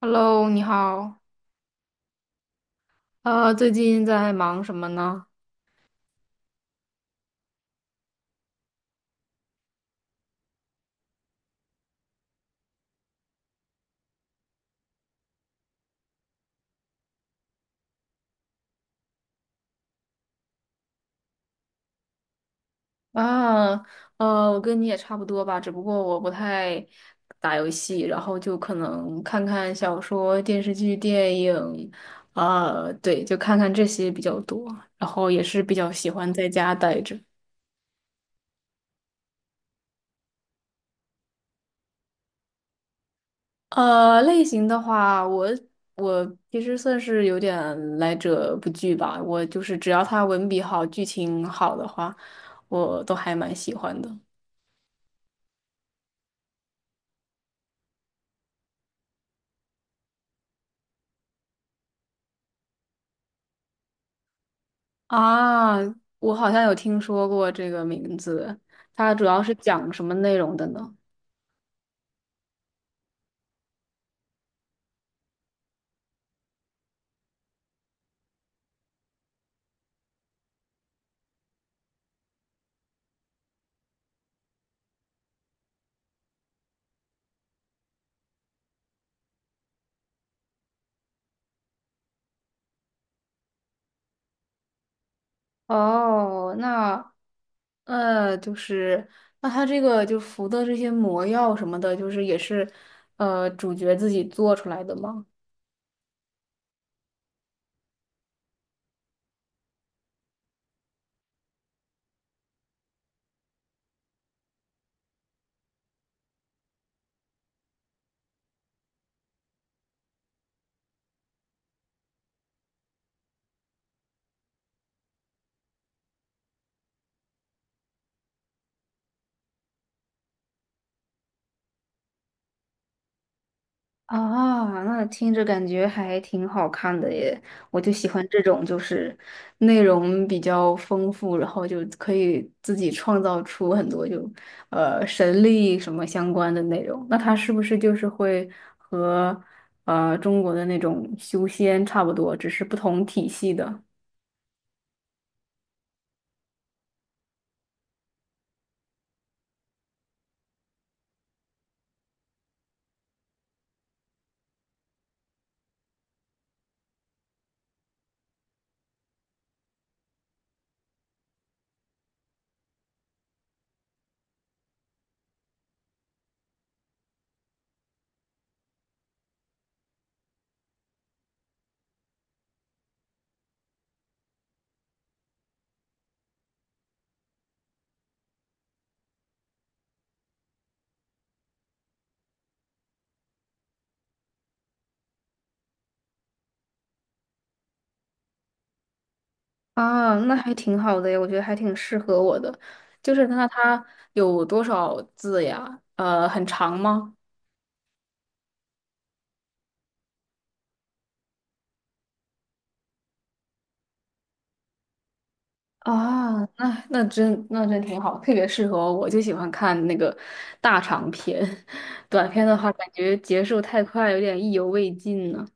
Hello，你好。最近在忙什么呢？啊，我跟你也差不多吧，只不过我不太打游戏，然后就可能看看小说、电视剧、电影，啊，对，就看看这些比较多，然后也是比较喜欢在家待着。类型的话，我其实算是有点来者不拒吧，我就是只要他文笔好、剧情好的话，我都还蛮喜欢的。啊，我好像有听说过这个名字，它主要是讲什么内容的呢？哦，那就是那它这个就服的这些魔药什么的，就是也是主角自己做出来的吗？啊，那听着感觉还挺好看的耶！我就喜欢这种，就是内容比较丰富，然后就可以自己创造出很多就神力什么相关的内容。那它是不是就是会和中国的那种修仙差不多，只是不同体系的？啊，那还挺好的耶，我觉得还挺适合我的。就是那它有多少字呀？很长吗？啊，那真挺好，特别适合我就喜欢看那个大长篇，短篇的话感觉结束太快，有点意犹未尽呢。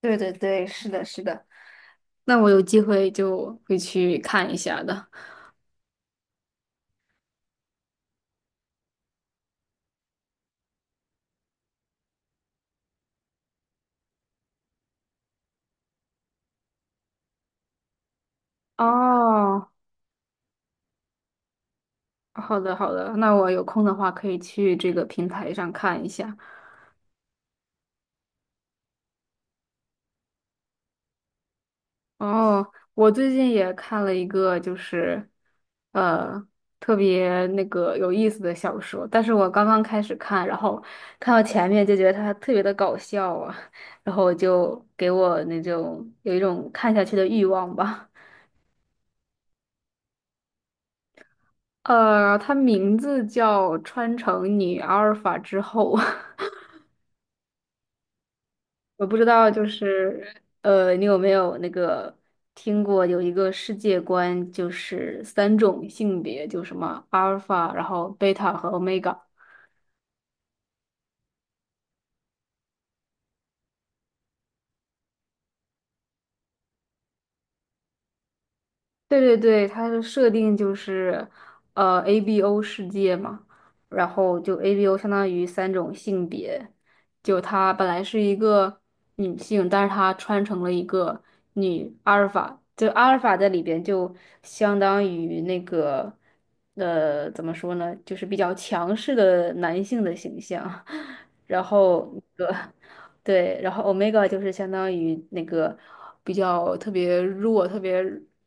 对对对，是的，是的，那我有机会就会去看一下的。哦，好的好的，那我有空的话可以去这个平台上看一下。哦，我最近也看了一个，就是呃特别那个有意思的小说，但是我刚刚开始看，然后看到前面就觉得它特别的搞笑啊，然后就给我那种有一种看下去的欲望吧。它名字叫《穿成女阿尔法之后》我不知道，就是你有没有那个听过有一个世界观，就是三种性别，就什么阿尔法，然后贝塔和欧米伽。对对对，它的设定就是，ABO 世界嘛，然后就 ABO 相当于三种性别，就她本来是一个女性，但是她穿成了一个女阿尔法，就阿尔法在里边就相当于那个，怎么说呢，就是比较强势的男性的形象，然后那个。对，然后 omega 就是相当于那个比较特别弱、特别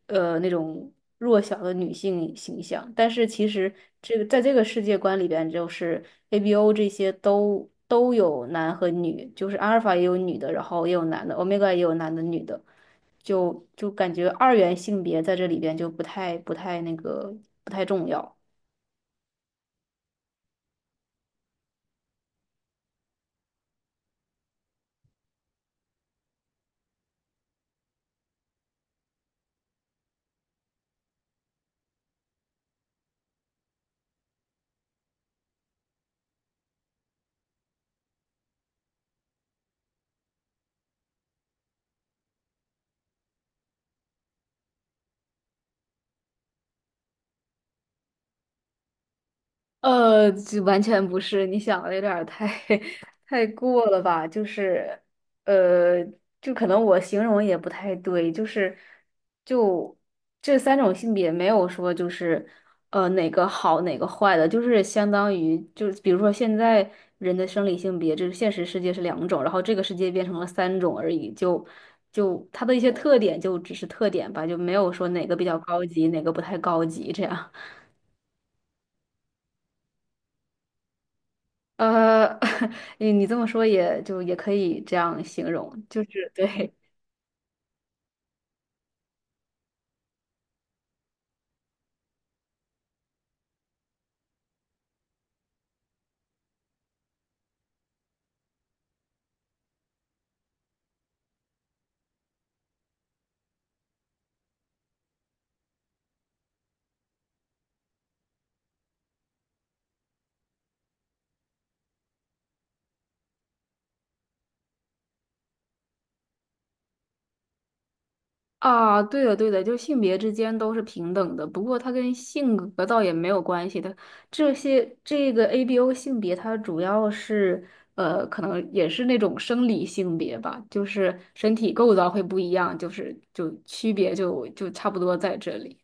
那种弱小的女性形象，但是其实这个在这个世界观里边，就是 ABO 这些都有男和女，就是阿尔法也有女的，然后也有男的，omega 也有男的女的，就感觉二元性别在这里边就不太重要。就完全不是，你想的有点儿太 太过了吧？就是，呃，就可能我形容也不太对，就是，就这三种性别没有说就是，哪个好哪个坏的，就是相当于就是比如说现在人的生理性别，就是现实世界是两种，然后这个世界变成了三种而已，就它的一些特点就只是特点吧，就没有说哪个比较高级，哪个不太高级这样。呃，你这么说也就也可以这样形容，就是对 啊，对的对的，就性别之间都是平等的，不过它跟性格倒也没有关系的。这些这个 ABO 性别，它主要是可能也是那种生理性别吧，就是身体构造会不一样，就是就区别就差不多在这里。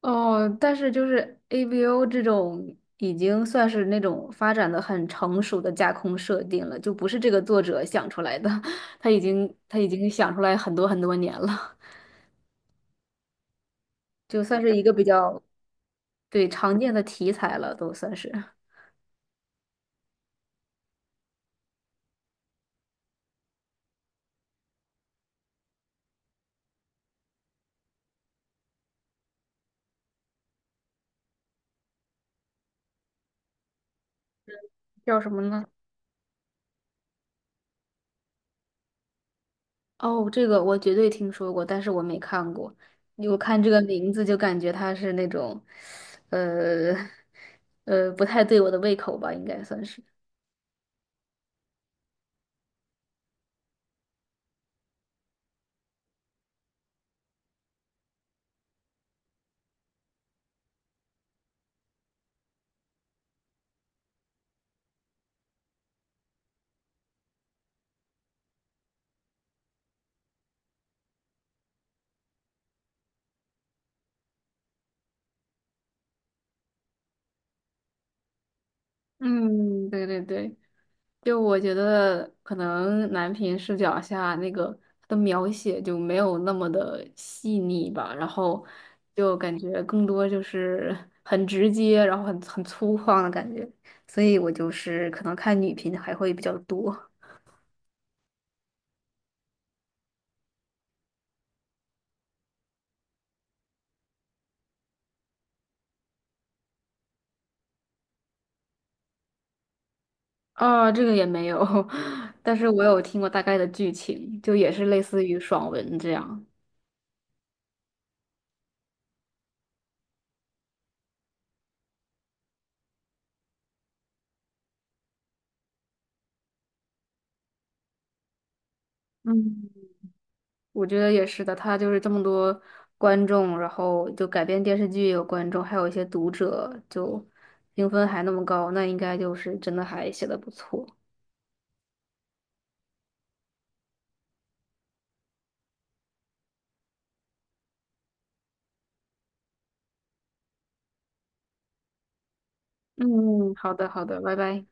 哦，但是就是 AVO 这种已经算是那种发展的很成熟的架空设定了，就不是这个作者想出来的，他已经想出来很多很多年了，就算是一个比较对常见的题材了，都算是叫什么呢？哦，这个我绝对听说过，但是我没看过。我看这个名字就感觉它是那种，呃 不太对我的胃口吧，应该算是。嗯，对对对。就我觉得可能男频视角下那个它的描写就没有那么的细腻吧，然后就感觉更多就是 很直接，然后很粗犷的感觉，所以我就是可能看女频还会比较多。啊，这个也没有，但是我有听过大概的剧情，就也是类似于爽文这样。嗯。我觉得也是的，他就是这么多观众，然后就改编电视剧也有观众，还有一些读者，就评分还那么高，那应该就是真的还写的不错。嗯，好的，好的，拜拜。